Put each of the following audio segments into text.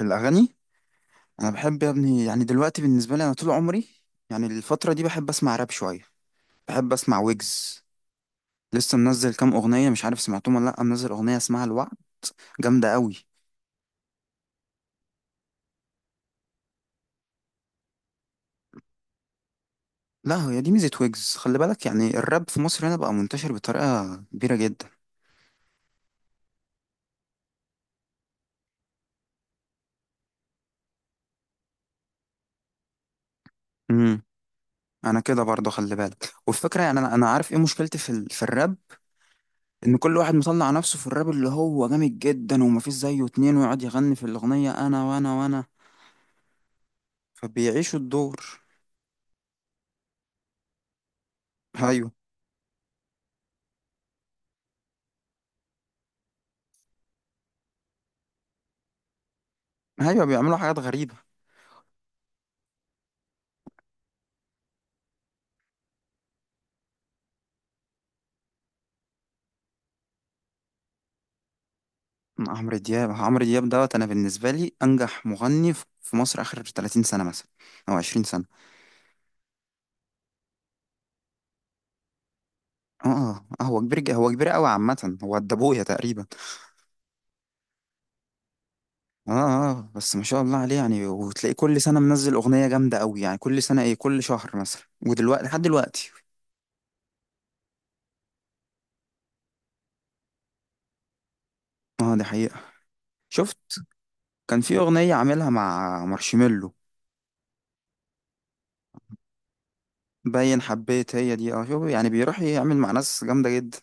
الأغاني. أنا بحب يا ابني، يعني دلوقتي بالنسبة لي، أنا طول عمري يعني الفترة دي بحب أسمع راب شوية، بحب أسمع ويجز. لسه منزل كام أغنية، مش عارف سمعتهم ولا لأ، منزل أغنية اسمها الوعد، جامدة قوي. لا، هي دي ميزة ويجز، خلي بالك، يعني الراب في مصر هنا بقى منتشر بطريقة كبيرة جدا. امم أنا كده برضه، خلي بالك، والفكرة يعني أنا عارف إيه مشكلتي في الراب. إن كل واحد مطلع نفسه في الراب اللي هو جامد جدا ومفيش زيه اتنين، ويقعد يغني في الأغنية أنا وأنا وأنا، فبيعيشوا الدور. ايوه، ايوه بيعملوا حاجات غريبه. عمرو دياب دوت، انا بالنسبه لي انجح مغني في مصر اخر 30 سنه مثلا، او 20 سنه. اه، اه هو كبير قوي، عامه هو قد ابويا تقريبا. اه، اه بس ما شاء الله عليه، يعني وتلاقيه كل سنه منزل اغنيه جامده قوي، يعني كل سنه، ايه، كل شهر مثلا، ودلوقتي لحد دلوقتي. اه دي حقيقه. شفت، كان في اغنيه عاملها مع مارشميلو، باين حبيت، هي دي، اه شوف، يعني بيروح يعمل مع ناس جامده جدا.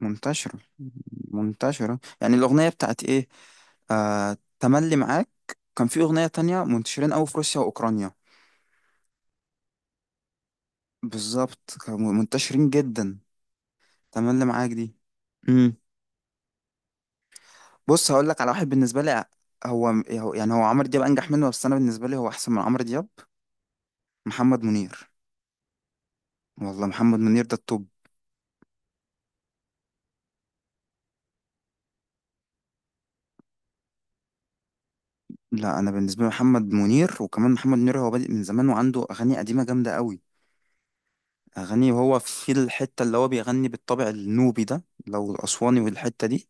منتشرة، منتشرة، يعني الأغنية بتاعت إيه، آه، تملي معاك. كان في أغنية تانية منتشرين أوي في روسيا وأوكرانيا. بالظبط، كانوا منتشرين جدا. تملي معاك دي. امم بص، هقول لك على واحد. بالنسبة لي يعني هو عمرو دياب أنجح منه، بس أنا بالنسبة لي هو أحسن من عمرو دياب. محمد منير. والله محمد منير ده التوب. لا، أنا بالنسبة لي محمد منير، وكمان محمد منير هو بادئ من زمان وعنده أغاني قديمة جامدة أوي. أغاني، وهو في الحتة اللي هو بيغني بالطابع النوبي ده، لو الأسواني والحتة دي،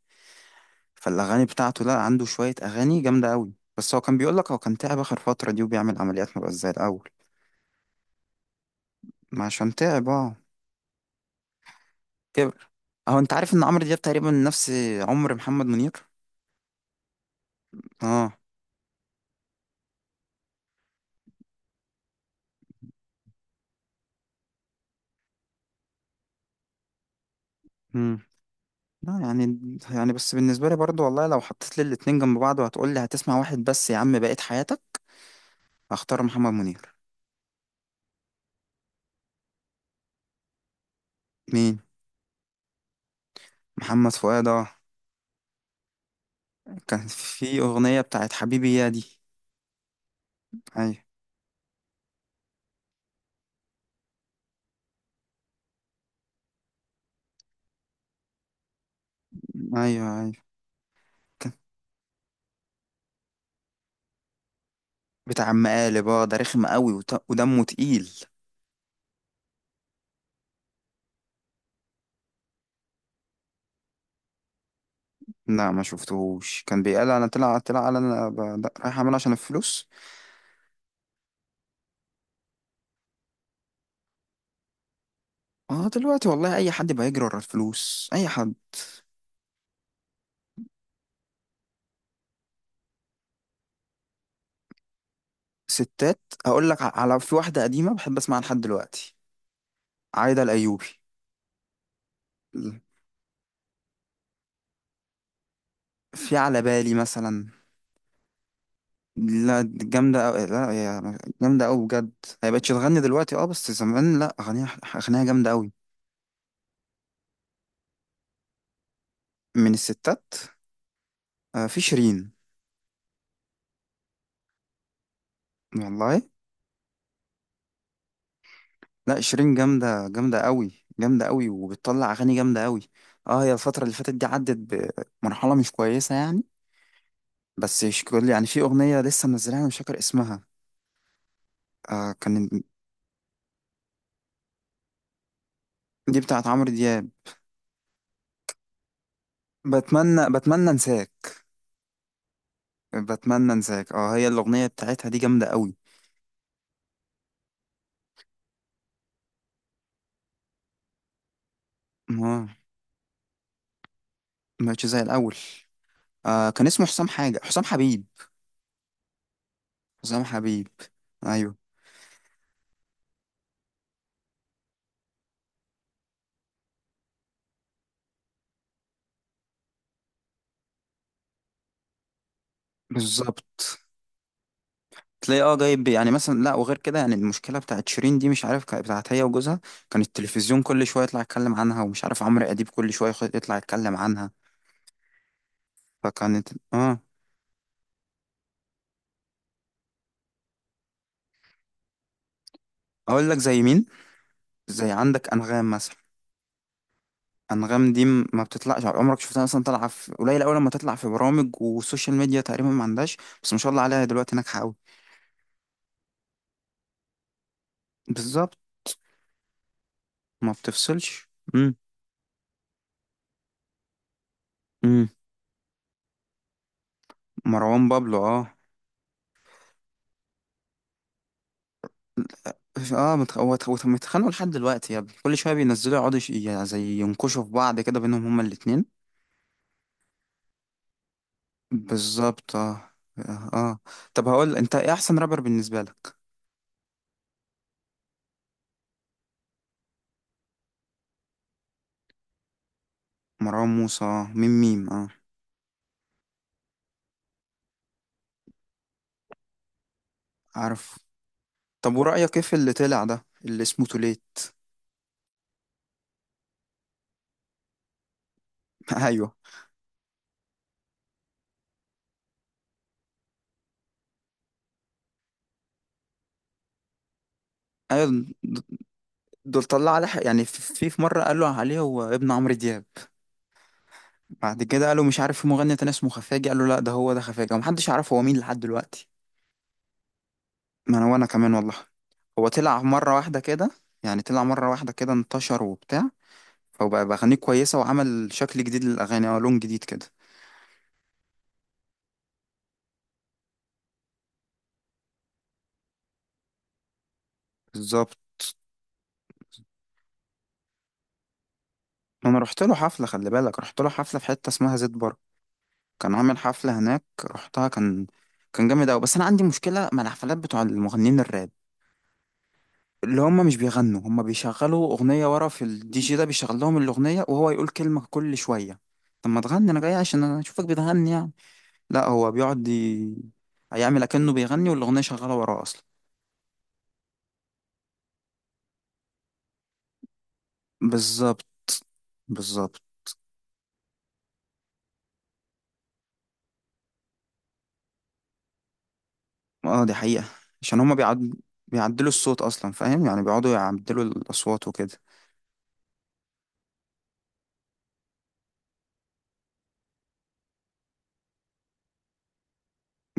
فالأغاني بتاعته، لا عنده شوية أغاني جامدة أوي، بس هو كان بيقولك هو كان تعب آخر فترة دي، وبيعمل عمليات، مبقاش زي الأول. ما عشان تعب، اه كبر. أهو، أنت عارف إن عمرو دياب تقريبا نفس عمر محمد منير. اه. مم. لا يعني، يعني بس بالنسبة لي برضو والله، لو حطيت لي الاتنين جنب بعض وهتقول لي هتسمع واحد بس يا عم بقيت حياتك، هختار محمد منير. مين؟ محمد فؤاد، اه. كان في أغنية بتاعت حبيبي يا دي. ايوه. ايوه، ايوه بتاع مقالب، اه ده رخم قوي ودمه تقيل. لا ما شفتهوش، كان بيقال انا طلع، طلع قال رايح اعمل عشان الفلوس. اه دلوقتي والله اي حد بيجري ورا الفلوس، اي حد. ستات، هقول لك على في واحده قديمه بحب اسمعها لحد دلوقتي. عايده الايوبي. في على بالي مثلا. لا دي جامده أوي، لا هي جامده أوي بجد. هي بقتش تغني دلوقتي اه، بس زمان لا اغانيها، اغانيها جامده أوي. من الستات آه، في شيرين. والله، لا شيرين جامدة، جامدة قوي. جامدة قوي وبتطلع أغاني جامدة قوي. اه هي الفترة اللي فاتت دي عدت بمرحلة مش كويسة يعني. بس شكل يعني، في أغنية لسه منزلها أنا مش فاكر اسمها. آه كان، دي بتاعت عمرو دياب. بتمنى، بتمنى انساك. بتمنى انساك اه، هي الأغنية بتاعتها دي جامدة قوي. اه، مبقتش زي الأول. آه، كان اسمه حسام، حاجة حسام حبيب. حسام حبيب، أيوه. بالظبط، تلاقي اه جايب، يعني مثلا، لا وغير كده يعني، المشكله بتاعت شيرين دي، مش عارف كانت بتاعت هي وجوزها، كان التلفزيون كل شويه يطلع يتكلم عنها، ومش عارف عمرو اديب كل شويه يطلع يتكلم عنها. فكانت، اه. اقول لك زي مين، زي عندك انغام مثلا. انغام دي ما بتطلعش، عمرك شفتها مثلا طالعه في قليل، اول لما تطلع في برامج والسوشيال ميديا تقريبا ما عندهاش، بس ما شاء الله عليها دلوقتي ناجحه قوي. بالظبط، ما بتفصلش. امم امم مروان بابلو، اه. اه هو متخانقوا لحد دلوقتي يا ابني، كل شويه بينزلوا يقعدوا يعني زي ينكشوا في بعض كده بينهم هما الاتنين. بالظبط اه. اه، طب هقول، انت ايه احسن رابر بالنسبه لك؟ مروان موسى، آه. ميم ميم، اه، عارف. طب ورأيك ايه في اللي طلع ده اللي اسمه توليت؟ ايوه. ايوه، دول طلع عليه يعني في مره قالوا عليه هو ابن عمرو دياب. بعد كده قالوا مش عارف في مغني تاني اسمه خفاجي، قالوا لا ده هو ده خفاجي، ومحدش عارف هو مين لحد دلوقتي. ما انا، وانا كمان والله، هو طلع مرة واحدة كده، يعني طلع مرة واحدة كده انتشر وبتاع، فبقى بأغانيه كويسة وعمل شكل جديد للأغاني، اه لون جديد كده. بالظبط، أنا رحت له حفلة، خلي بالك رحت له حفلة في حتة اسمها زيت بر، كان عامل حفلة هناك رحتها، كان، كان جامد أوي، بس أنا عندي مشكلة مع الحفلات بتوع المغنيين الراب، اللي هم مش بيغنوا، هم بيشغلوا أغنية ورا، في الدي جي ده بيشغل لهم الأغنية وهو يقول كلمة كل شوية، طب ما تغني، أنا جاي عشان أنا أشوفك بتغني يعني. لا هو بيقعد ي... هيعمل اكنه بيغني والاغنيه شغاله وراه اصلا. بالظبط، بالظبط. اه دي حقيقه، عشان هما بيعدلوا الصوت اصلا، فاهم يعني، بيقعدوا يعدلوا الاصوات وكده.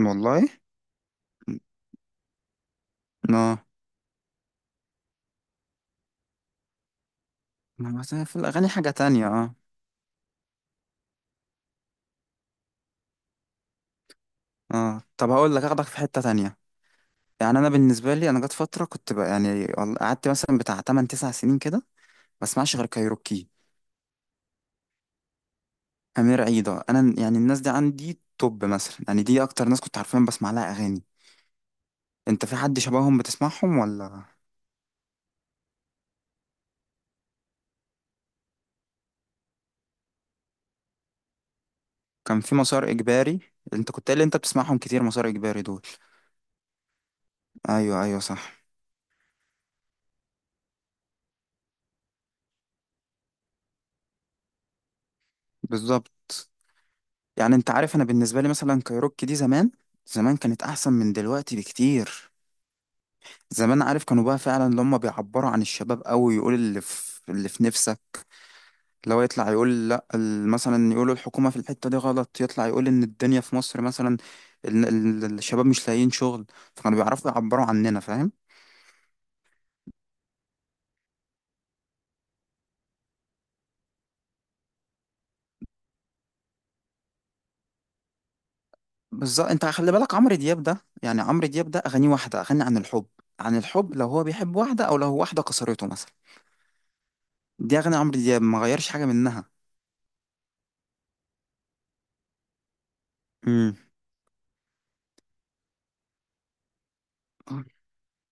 والله، اه ما بس في الاغاني حاجه تانية، اه. اه طب هقول لك، اخدك في حته تانية. يعني انا بالنسبه لي، انا جت فتره كنت بقى يعني قعدت مثلا بتاع 8 9 سنين كده ما اسمعش غير كايروكي. امير عيده، انا يعني الناس دي عندي توب مثلا، يعني دي اكتر ناس كنت عارفين بسمع لها اغاني. انت في حد شبههم بتسمعهم ولا؟ كان في مسار اجباري، انت كنت قايل انت بتسمعهم كتير، مسار اجباري دول. ايوه، ايوه صح. بالظبط، يعني انت عارف، انا بالنسبه لي مثلا كايروكي دي زمان، زمان كانت احسن من دلوقتي بكتير. زمان، عارف، كانوا بقى فعلا اللي هم بيعبروا عن الشباب قوي، يقول اللي في، اللي في نفسك، لو يطلع يقول لا، مثلا يقولوا الحكومه في الحته دي غلط، يطلع يقول ان الدنيا في مصر مثلا، ال- الشباب مش لاقيين شغل، فكانوا بيعرفوا يعبروا عننا فاهم. بالظبط، انت خلي بالك عمرو دياب ده، يعني عمرو دياب ده اغانيه واحده، اغاني عن الحب، عن الحب لو هو بيحب واحده، او لو هو واحده كسرته مثلا، دي اغاني عمرو دياب ما غيرش حاجه منها. امم،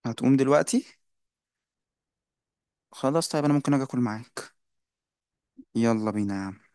هتقوم دلوقتي؟ خلاص طيب، انا ممكن اجي اكل معاك. يلا بينا يا عم.